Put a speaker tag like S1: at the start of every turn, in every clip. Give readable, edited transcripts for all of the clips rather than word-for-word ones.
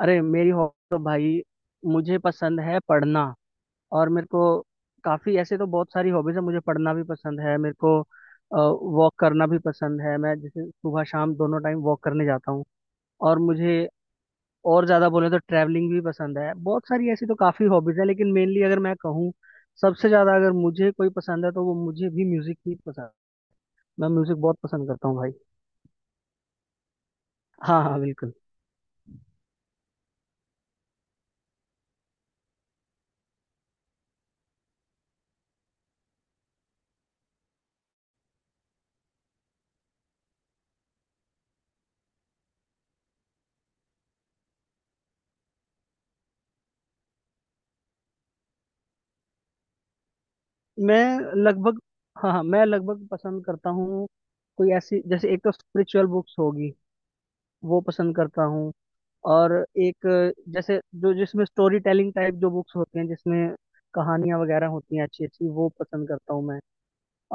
S1: अरे, मेरी हॉबी तो भाई, मुझे पसंद है पढ़ना। और मेरे को काफ़ी, ऐसे तो बहुत सारी हॉबीज़ है, मुझे पढ़ना भी पसंद है, मेरे को वॉक करना भी पसंद है। मैं जैसे सुबह शाम दोनों टाइम वॉक करने जाता हूँ। और मुझे और ज़्यादा बोले तो ट्रैवलिंग भी पसंद है, बहुत सारी ऐसी तो काफ़ी हॉबीज़ है, लेकिन मेनली अगर मैं कहूँ सबसे ज़्यादा अगर मुझे कोई पसंद है तो वो मुझे भी म्यूज़िक ही पसंद है। मैं म्यूज़िक बहुत पसंद करता हूँ भाई। हाँ हाँ, बिल्कुल। मैं लगभग हाँ हाँ, मैं लगभग पसंद करता हूँ कोई ऐसी। जैसे, एक तो स्पिरिचुअल बुक्स होगी, वो पसंद करता हूँ। और एक जैसे जो जिसमें स्टोरी टेलिंग टाइप जो बुक्स होती हैं, जिसमें कहानियाँ वगैरह होती हैं अच्छी अच्छी, वो पसंद करता हूँ मैं।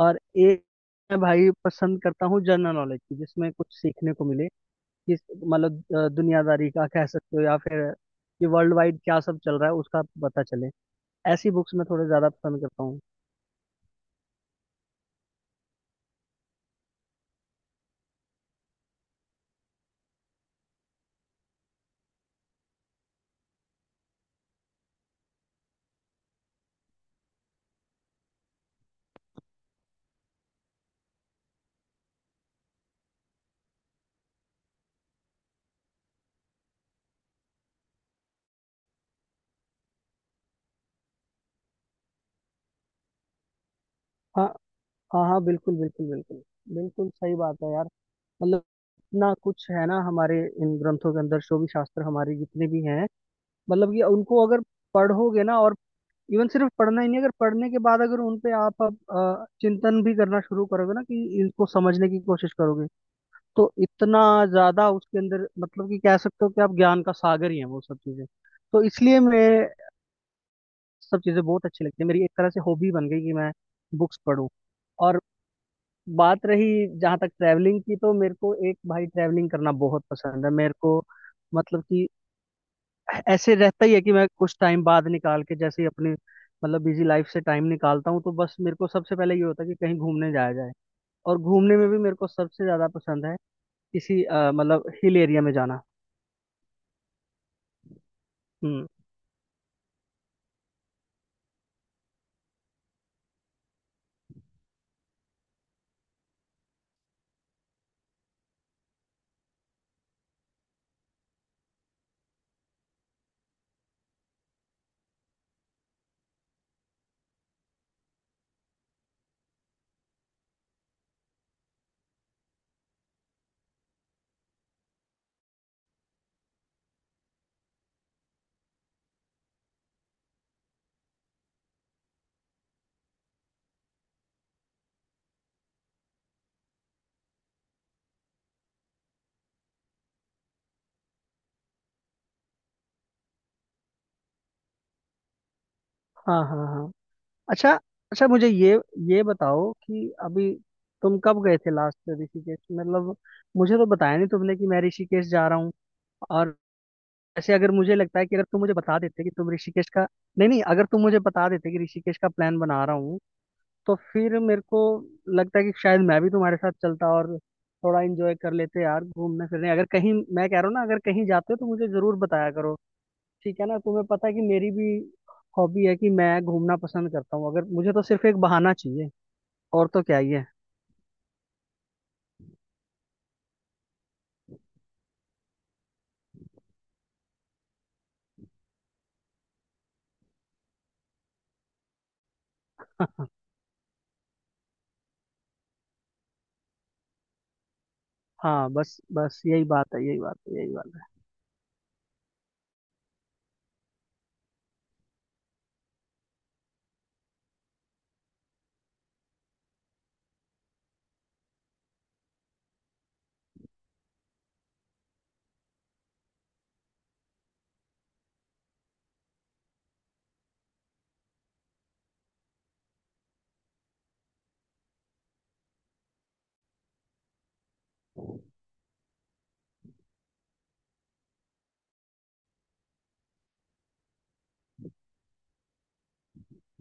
S1: और एक मैं भाई पसंद करता हूँ जनरल नॉलेज की, जिसमें कुछ सीखने को मिले। जिस मतलब दुनियादारी का कह सकते हो, या फिर ये वर्ल्ड वाइड क्या सब चल रहा है उसका पता चले। ऐसी बुक्स मैं थोड़े ज्यादा पसंद करता हूँ। हाँ हाँ हाँ, बिल्कुल बिल्कुल बिल्कुल। बिल्कुल सही बात है यार। मतलब, इतना कुछ है ना हमारे इन ग्रंथों के अंदर, जो भी शास्त्र हमारे जितने भी हैं। मतलब कि उनको अगर पढ़ोगे ना, और इवन सिर्फ पढ़ना ही नहीं, अगर पढ़ने के बाद अगर उन पे आप अब चिंतन भी करना शुरू करोगे ना कि इनको समझने की कोशिश करोगे, तो इतना ज्यादा उसके अंदर, मतलब कि कह सकते हो कि आप ज्ञान का सागर ही है वो सब चीजें। तो इसलिए मैं, सब चीजें बहुत अच्छी लगती है, मेरी एक तरह से हॉबी बन गई कि मैं बुक्स पढूं। और बात रही जहाँ तक ट्रैवलिंग की, तो मेरे को एक भाई ट्रैवलिंग करना बहुत पसंद है मेरे को। मतलब कि ऐसे रहता ही है कि मैं कुछ टाइम बाद निकाल के, जैसे ही अपनी मतलब बिजी लाइफ से टाइम निकालता हूँ तो बस मेरे को सबसे पहले ये होता है कि कहीं घूमने जाया जाए। और घूमने में भी मेरे को सबसे ज्यादा पसंद है किसी मतलब हिल एरिया में जाना। हम्म। हाँ हाँ हाँ। अच्छा। अच्छा, मुझे ये बताओ कि अभी तुम कब गए थे लास्ट ऋषिकेश, मतलब। मुझे तो बताया नहीं तुमने कि मैं ऋषिकेश जा रहा हूँ। और ऐसे अगर मुझे लगता है कि अगर तुम मुझे बता देते कि तुम ऋषिकेश का, नहीं नहीं, अगर तुम मुझे बता देते कि ऋषिकेश का प्लान बना रहा हूँ, तो फिर मेरे को लगता है कि शायद मैं भी तुम्हारे साथ चलता, और थोड़ा एंजॉय कर लेते यार। घूमने फिरने, अगर कहीं मैं कह रहा हूँ ना, अगर कहीं जाते हो तो मुझे जरूर बताया करो। ठीक है ना, तुम्हें पता है कि मेरी भी हॉबी है कि मैं घूमना पसंद करता हूँ, अगर मुझे तो सिर्फ एक बहाना चाहिए, और तो क्या ही है। हाँ बस बस, यही बात है, यही बात है, यही बात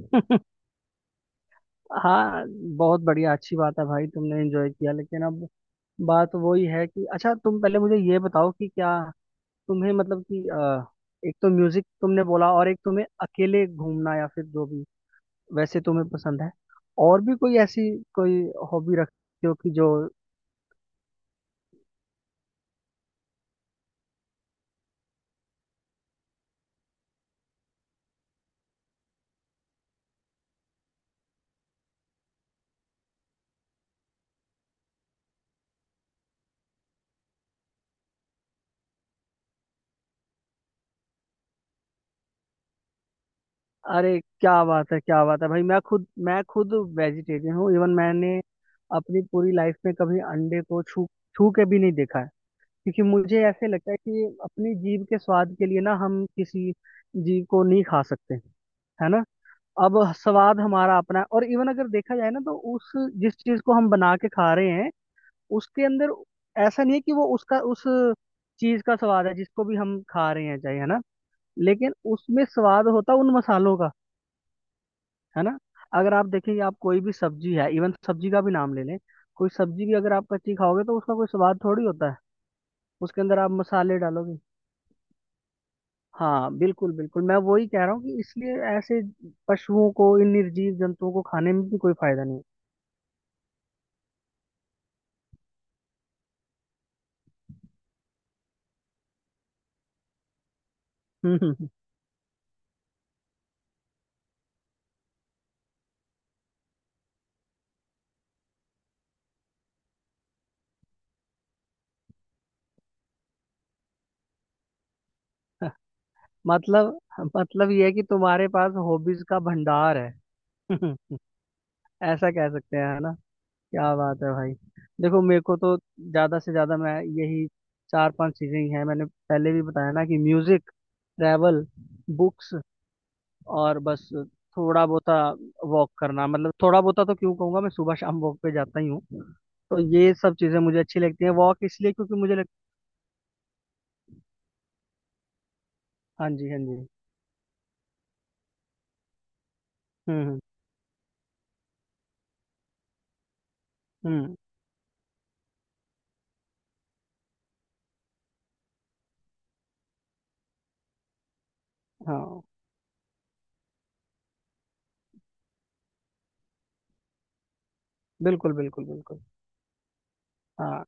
S1: है। हाँ, बहुत बढ़िया, अच्छी बात है भाई, तुमने एंजॉय किया। लेकिन अब बात वही है कि अच्छा, तुम पहले मुझे ये बताओ कि क्या तुम्हें, मतलब कि एक तो म्यूजिक तुमने बोला, और एक तुम्हें अकेले घूमना या फिर जो भी वैसे तुम्हें पसंद है, और भी कोई ऐसी कोई हॉबी रखते हो कि जो? अरे क्या बात है, क्या बात है भाई, मैं खुद वेजिटेरियन हूँ। इवन मैंने अपनी पूरी लाइफ में कभी अंडे को छू, छू के भी नहीं देखा है। क्योंकि मुझे ऐसे लगता है कि अपनी जीभ के स्वाद के लिए ना हम किसी जीव को नहीं खा सकते है ना। अब स्वाद हमारा अपना है, और इवन अगर देखा जाए ना तो उस जिस चीज को हम बना के खा रहे हैं उसके अंदर, ऐसा नहीं है कि वो उसका उस चीज का स्वाद है जिसको भी हम खा रहे हैं, चाहे, है ना। लेकिन उसमें स्वाद होता उन मसालों का, है ना। अगर आप देखेंगे, आप कोई भी सब्जी है, इवन सब्जी का भी नाम ले लें, कोई सब्जी भी अगर आप कच्ची खाओगे तो उसका कोई स्वाद थोड़ी होता है। उसके अंदर आप मसाले डालोगे। हाँ बिल्कुल बिल्कुल, मैं वही कह रहा हूँ कि इसलिए ऐसे पशुओं को, इन निर्जीव जंतुओं को खाने में भी कोई फायदा नहीं है। मतलब मतलब ये है कि तुम्हारे पास हॉबीज का भंडार है। ऐसा कह सकते हैं, है ना। क्या बात है भाई। देखो, मेरे को तो ज्यादा से ज्यादा, मैं यही चार पांच चीजें ही हैं, मैंने पहले भी बताया ना कि म्यूजिक, ट्रैवल, बुक्स, और बस थोड़ा बहुता वॉक करना, मतलब थोड़ा बहुता तो क्यों कहूंगा, मैं सुबह शाम वॉक पे जाता ही हूँ। तो ये सब चीजें मुझे अच्छी लगती हैं, वॉक इसलिए क्योंकि मुझे हाँ जी, हाँ जी। हम्म हम्म। हाँ बिल्कुल बिल्कुल बिल्कुल। हाँ,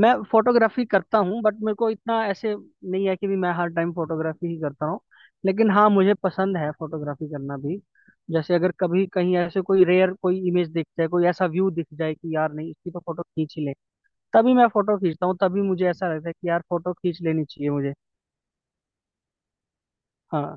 S1: मैं फोटोग्राफी करता हूँ, बट मेरे को इतना ऐसे नहीं है कि भी मैं हर टाइम फोटोग्राफी ही करता हूँ। लेकिन हाँ, मुझे पसंद है फोटोग्राफी करना भी। जैसे अगर कभी कहीं ऐसे कोई रेयर कोई इमेज दिख जाए, कोई ऐसा व्यू दिख जाए कि यार नहीं, इसी पर फोटो खींच ही ले, तभी मैं फोटो खींचता हूँ। तभी मुझे ऐसा लगता है कि यार फोटो खींच लेनी चाहिए मुझे। हाँ,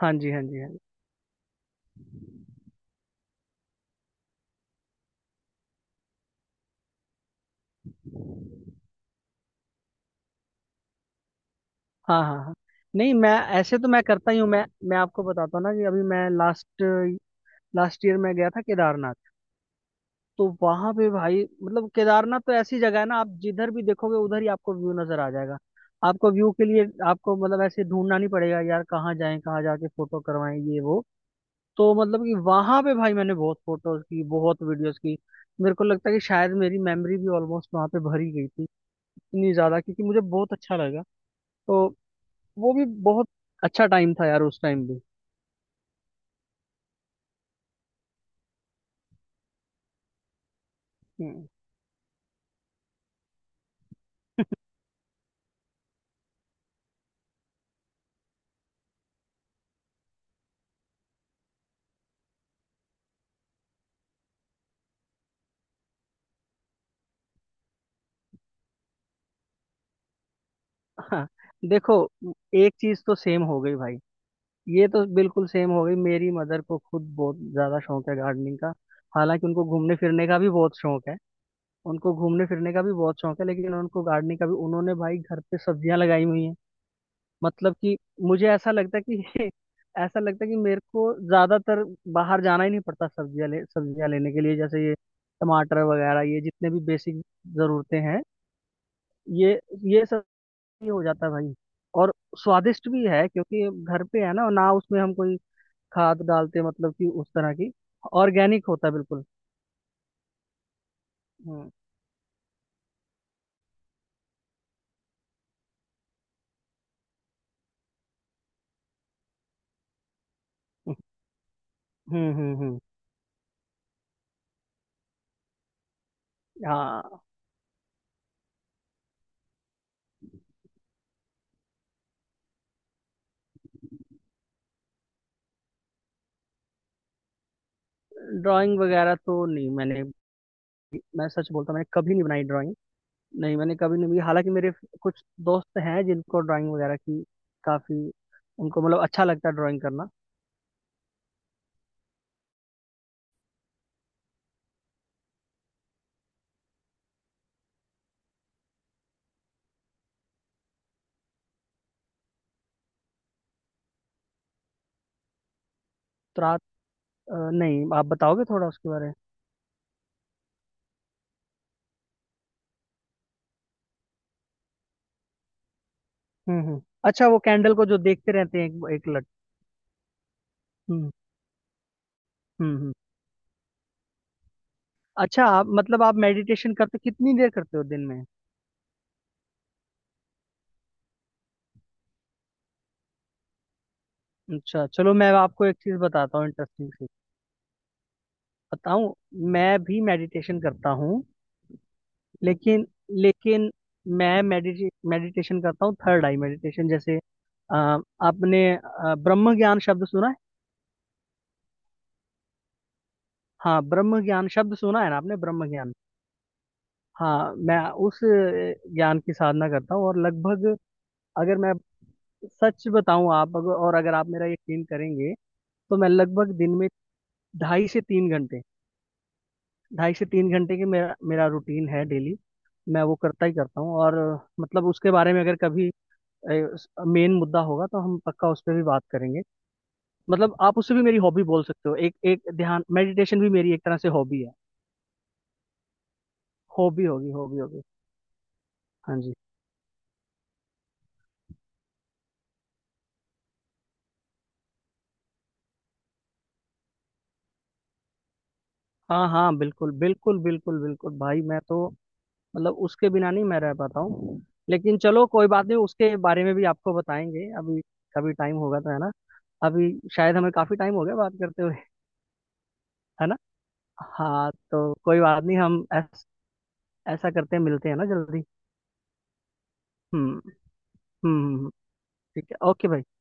S1: हाँ जी, हाँ जी, हाँ जी। हाँ हाँ हाँ। नहीं, मैं ऐसे तो मैं करता ही हूँ। मैं आपको बताता हूँ ना कि अभी मैं लास्ट लास्ट ईयर मैं गया था केदारनाथ। तो वहां पे भाई, मतलब केदारनाथ तो ऐसी जगह है ना, आप जिधर भी देखोगे उधर ही आपको व्यू नजर आ जाएगा। आपको व्यू के लिए आपको मतलब ऐसे ढूंढना नहीं पड़ेगा यार, कहाँ जाएं, कहाँ जाके फोटो करवाएं, ये वो। तो मतलब कि वहां पे भाई मैंने बहुत फोटोज की, बहुत वीडियोस की। मेरे को लगता है कि शायद मेरी मेमोरी भी ऑलमोस्ट वहां पे भरी गई थी, इतनी ज्यादा, क्योंकि मुझे बहुत अच्छा लगा। तो वो भी बहुत अच्छा टाइम था यार, उस टाइम भी। हम्म। देखो, एक चीज तो सेम हो गई भाई, ये तो बिल्कुल सेम हो गई। मेरी मदर को खुद बहुत ज्यादा शौक है गार्डनिंग का। हालांकि उनको घूमने फिरने का भी बहुत शौक है, उनको घूमने फिरने का भी बहुत शौक है, लेकिन उनको गार्डनिंग का भी, उन्होंने भाई घर पे सब्जियां लगाई हुई हैं। मतलब कि मुझे ऐसा लगता है कि, ऐसा लगता है कि मेरे को ज्यादातर बाहर जाना ही नहीं पड़ता सब्जियां लेने के लिए, जैसे ये टमाटर वगैरह, ये जितने भी बेसिक जरूरतें हैं, ये ये सब ही हो जाता है भाई। और स्वादिष्ट भी है, क्योंकि घर पे है ना, ना उसमें हम कोई खाद डालते, मतलब कि उस तरह की, ऑर्गेनिक होता है बिल्कुल। हम्म हम्म हम्म हम्म। हाँ। ड्राइंग वगैरह तो नहीं मैंने, मैं सच बोलता हूँ, मैंने कभी नहीं बनाई ड्राइंग। नहीं, मैंने कभी नहीं बनाई। हालांकि मेरे कुछ दोस्त हैं जिनको ड्राइंग वगैरह की काफी, उनको मतलब अच्छा लगता है ड्राइंग करना। तो रात नहीं, आप बताओगे थोड़ा उसके बारे में। हम्म। अच्छा, वो कैंडल को जो देखते रहते हैं, एक लट। हम्म हम्म हम्म। अच्छा, आप मतलब आप मेडिटेशन करते कितनी देर करते हो दिन में? अच्छा, चलो मैं आपको एक चीज बताता हूँ इंटरेस्टिंग सी, बताऊँ? मैं भी मेडिटेशन करता हूँ, लेकिन लेकिन मैं मेडिटेशन करता हूँ थर्ड आई मेडिटेशन। जैसे आपने ब्रह्म ज्ञान शब्द सुना है? हाँ, ब्रह्म ज्ञान शब्द सुना है ना आपने, ब्रह्म ज्ञान। हाँ, मैं उस ज्ञान की साधना करता हूँ, और लगभग, अगर मैं सच बताऊँ आप अगर- और अगर आप मेरा यकीन करेंगे, तो मैं लगभग दिन में ढाई से तीन घंटे, ढाई से तीन घंटे की मेरा मेरा रूटीन है डेली। मैं वो करता ही करता हूँ। और मतलब उसके बारे में अगर कभी मेन मुद्दा होगा तो हम पक्का उस पर भी बात करेंगे। मतलब आप उसे भी मेरी हॉबी बोल सकते हो, एक एक ध्यान, मेडिटेशन भी मेरी एक तरह से हॉबी है। हॉबी होगी, हॉबी होगी। हाँ जी। हाँ हाँ, बिल्कुल बिल्कुल बिल्कुल बिल्कुल भाई, मैं तो मतलब उसके बिना नहीं मैं रह पाता हूँ। लेकिन चलो, कोई बात नहीं, उसके बारे में भी आपको बताएंगे अभी, कभी टाइम होगा तो, है ना। अभी शायद हमें काफी टाइम हो गया बात करते हुए, है ना। हाँ तो कोई बात नहीं, हम ऐसा करते हैं, मिलते हैं ना जल्दी। हम्म, हम्म। ठीक है, ओके भाई।